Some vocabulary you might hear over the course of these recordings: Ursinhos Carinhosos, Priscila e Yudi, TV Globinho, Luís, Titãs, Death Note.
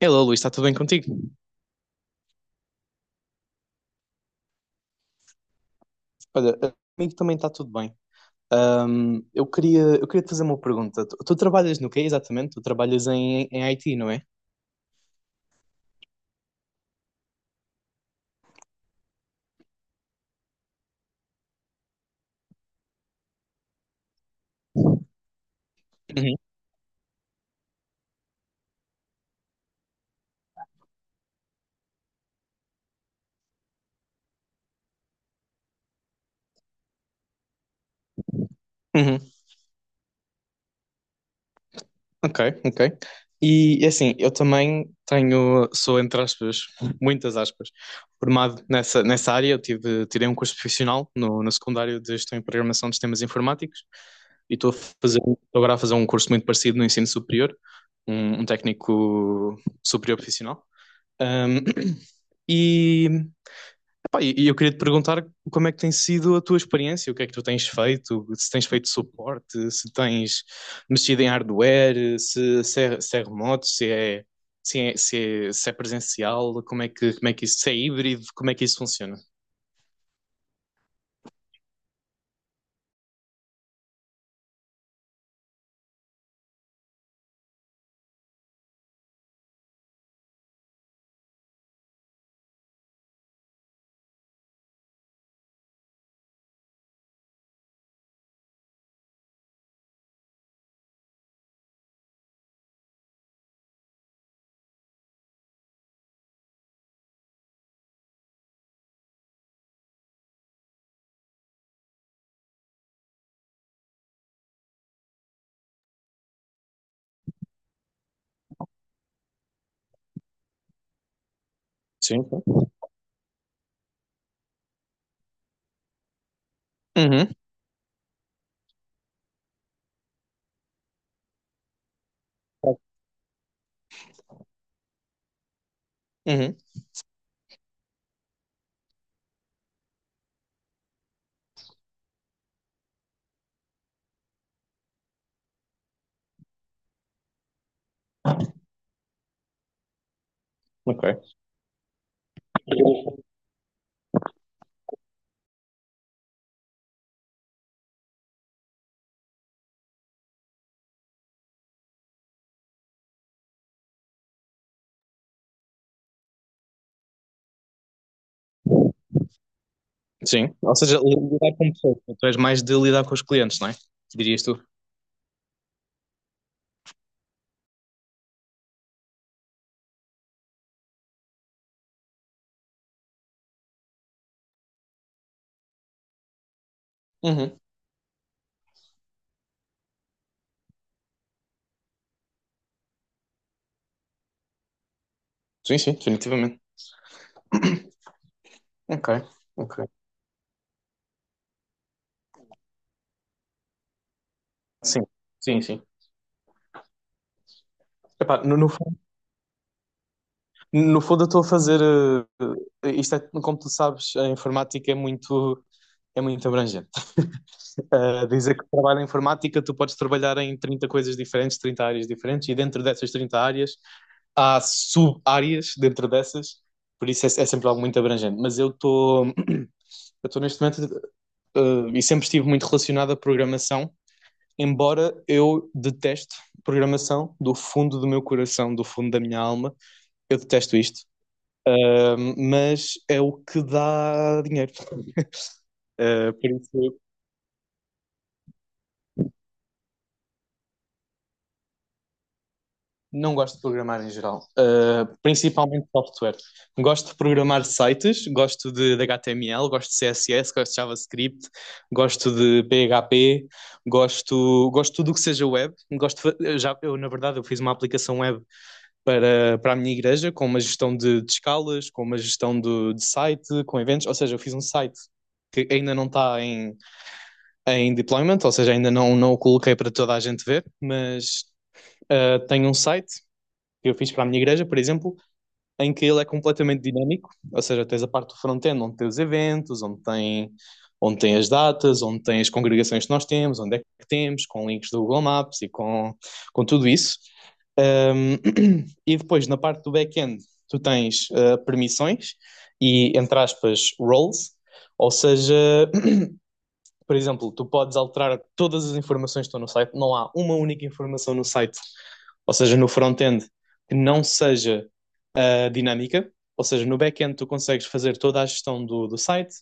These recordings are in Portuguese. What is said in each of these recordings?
Hello, Luís, está tudo bem contigo? Olha, comigo também está tudo bem. Eu queria te fazer uma pergunta. Tu trabalhas no quê exatamente? Tu trabalhas em IT, não é? Uhum. Uhum. Ok, ok. E assim, eu também tenho, sou entre aspas, muitas aspas, formado nessa área. Eu tirei um curso profissional no secundário de Gestão e Programação de Sistemas Informáticos e estou agora a fazer um curso muito parecido no ensino superior, um técnico superior profissional. Ahm, e, e eu queria te perguntar como é que tem sido a tua experiência, o que é que tu tens feito, se tens feito suporte, se tens mexido em hardware, se é remoto, se é presencial, como é que isso, se é híbrido, como é que isso funciona? Sim, sim. Uhum. Uhum. Ok. Sim. Ou seja, lidar com pessoas. Tu és mais de lidar com os clientes, não é? Dirias tu. Uhum. Sim, sim, definitivamente. Ok. Ok. Sim, sim, sim. Epá, no fundo, eu estou a fazer. Eh, Isto é, como tu sabes, a informática é muito abrangente. Dizer que trabalho em informática, tu podes trabalhar em 30 coisas diferentes, 30 áreas diferentes, e dentro dessas 30 áreas há sub-áreas dentro dessas, por isso é sempre algo muito abrangente. Mas eu estou neste momento, e sempre estive muito relacionado à programação, embora eu deteste programação do fundo do meu coração, do fundo da minha alma, eu detesto isto. Mas é o que dá dinheiro. Por isso não gosto de programar em geral, principalmente software. Gosto de programar sites, gosto de HTML, gosto de CSS, gosto de JavaScript, gosto de PHP, gosto de tudo o que seja web. Gosto de já, eu, na verdade, eu fiz uma aplicação web para a minha igreja, com uma gestão de escalas, com uma gestão de site, com eventos, ou seja, eu fiz um site que ainda não está em deployment, ou seja, ainda não o coloquei para toda a gente ver, mas tenho um site que eu fiz para a minha igreja, por exemplo, em que ele é completamente dinâmico, ou seja, tens a parte do front-end onde tem os eventos, onde tem as datas, onde tem as congregações que nós temos, onde é que temos, com links do Google Maps e com tudo isso. Um, e depois, na parte do back-end, tu tens permissões e, entre aspas, roles, ou seja, por exemplo, tu podes alterar todas as informações que estão no site, não há uma única informação no site, ou seja, no front-end, que não seja dinâmica, ou seja, no back-end tu consegues fazer toda a gestão do site.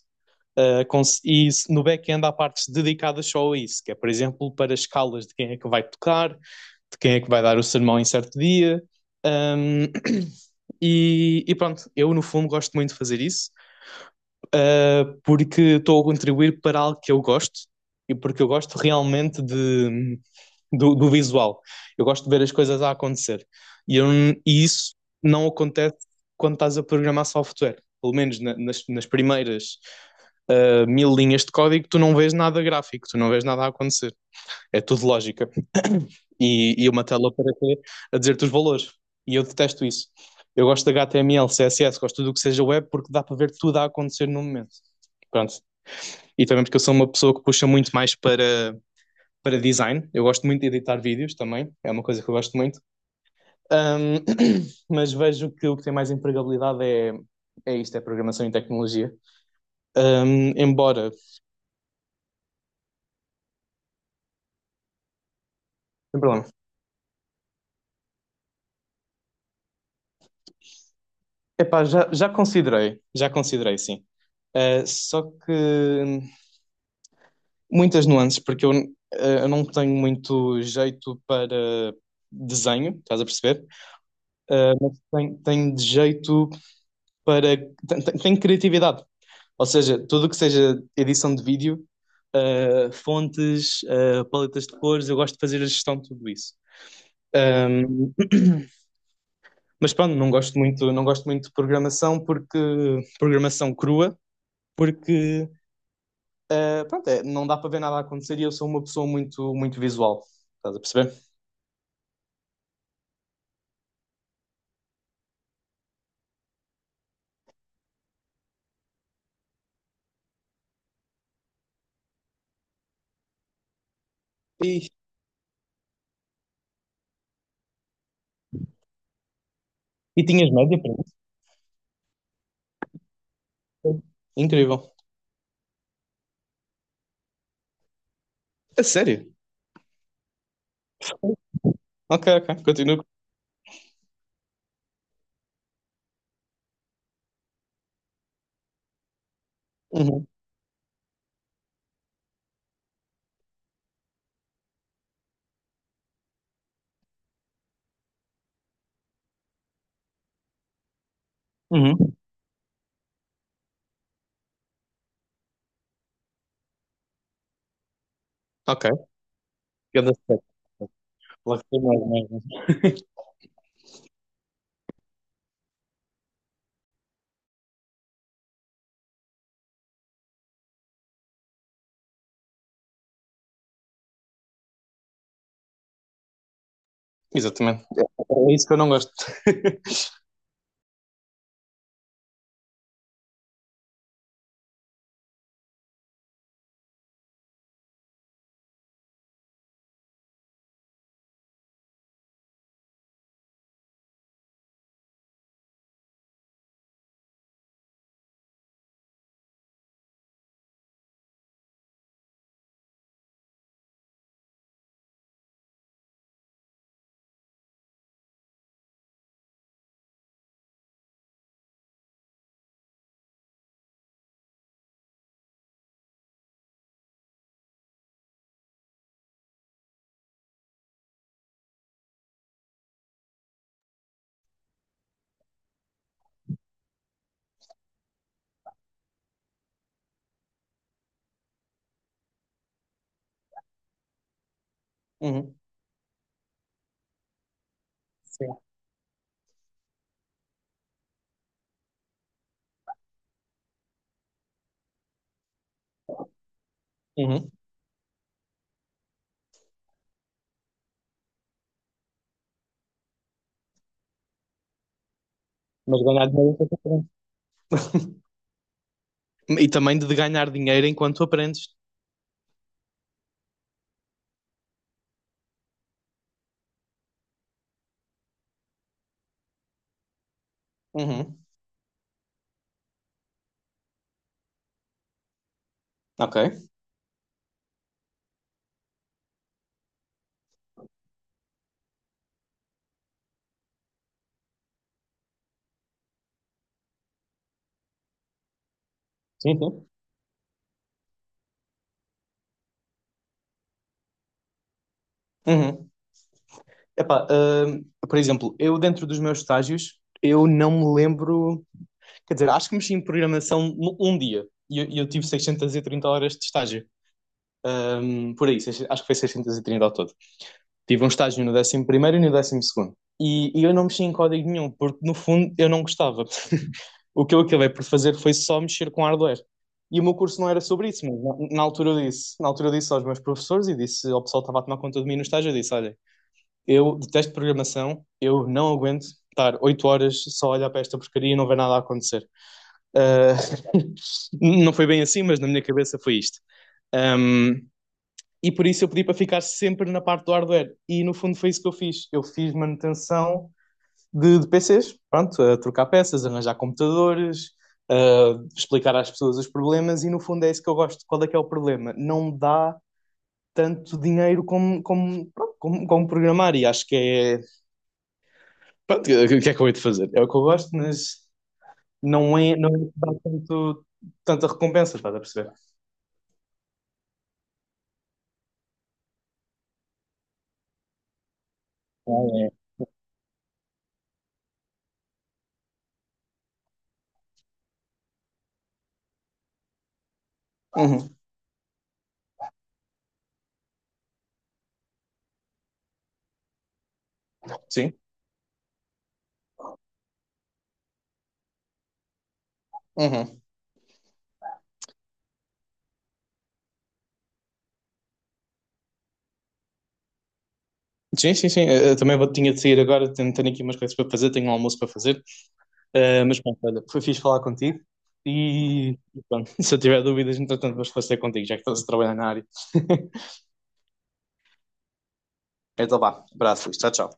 E no back-end há partes dedicadas só a isso, que é, por exemplo, para escalas de quem é que vai tocar, de quem é que vai dar o sermão em certo dia. Um, e, pronto, eu no fundo gosto muito de fazer isso porque estou a contribuir para algo que eu gosto e porque eu gosto realmente do visual. Eu gosto de ver as coisas a acontecer. E, eu e isso não acontece quando estás a programar software. Pelo menos nas primeiras mil linhas de código, tu não vês nada gráfico, tu não vês nada a acontecer. É tudo lógica. E uma tela para quê? A dizer-te os valores. E eu detesto isso. Eu gosto de HTML, CSS, gosto de tudo o que seja web porque dá para ver tudo a acontecer no momento. Pronto. E também porque eu sou uma pessoa que puxa muito mais para design. Eu gosto muito de editar vídeos também, é uma coisa que eu gosto muito. Ahm, mas vejo que o que tem mais empregabilidade é, isto, é programação e tecnologia. Embora, sem problema. Epá, já considerei, sim. Ah, só que muitas nuances, porque eu não tenho muito jeito para desenho, estás a perceber? Mas tenho de jeito para. Tenho criatividade. Ou seja, tudo o que seja edição de vídeo, fontes, paletas de cores, eu gosto de fazer a gestão de tudo isso. Ahm, mas pronto, não gosto muito de programação porque programação crua, porque pronto, é, não dá para ver nada a acontecer e eu sou uma pessoa muito, muito visual. Estás a perceber? E E tinhas média para isso? Incrível. A sério? Ok, ok. Continuo. Uhum. Uhum. Ok. Cada step. Lá foi mais, mais, mais. Exatamente. É isso que eu não gosto. Uhum. Sim. Uhum. Mas ganhar dinheiro é diferente. E também de ganhar dinheiro enquanto aprendes. Uhum. Ok. Sim, sim. Uhum. Epá, por exemplo, eu dentro dos meus estágios, eu não me lembro. Quer dizer, acho que mexi em programação um dia. E eu tive 630 horas de estágio. Por aí, acho que foi 630 ao todo. Tive um estágio no 11.º e no décimo segundo. E eu não mexi em código nenhum, porque no fundo eu não gostava. O que eu acabei por fazer foi só mexer com hardware. E o meu curso não era sobre isso, mas na na altura eu disse aos meus professores e disse ao pessoal que estava a tomar conta de mim no estágio, eu disse, olha, eu detesto programação, eu não aguento estar 8 horas só a olhar para esta porcaria e não ver nada a acontecer. Ah, não foi bem assim, mas na minha cabeça foi isto. Um, e por isso eu pedi para ficar sempre na parte do hardware. E no fundo foi isso que eu fiz. Eu fiz manutenção de PCs, pronto, a trocar peças, arranjar computadores, explicar às pessoas os problemas. E no fundo é isso que eu gosto. Qual é que é o problema? Não dá tanto dinheiro como, pronto, como programar. E acho que é. Pronto, o que é que eu hei de fazer? É o que eu gosto, mas não é. Não dá tanto, tanta recompensa, estás a perceber? Ah, é. Uhum. Sim. Uhum. Sim, sim, sim. Eu também vou, tinha de sair agora, tenho aqui umas coisas para fazer, tenho um almoço para fazer. Mas pronto, olha, foi fixe falar contigo. E pronto, se eu tiver dúvidas, entretanto, vou esclarecer contigo, já que estás a trabalhar na área. Então vá, abraço, tchau, tchau.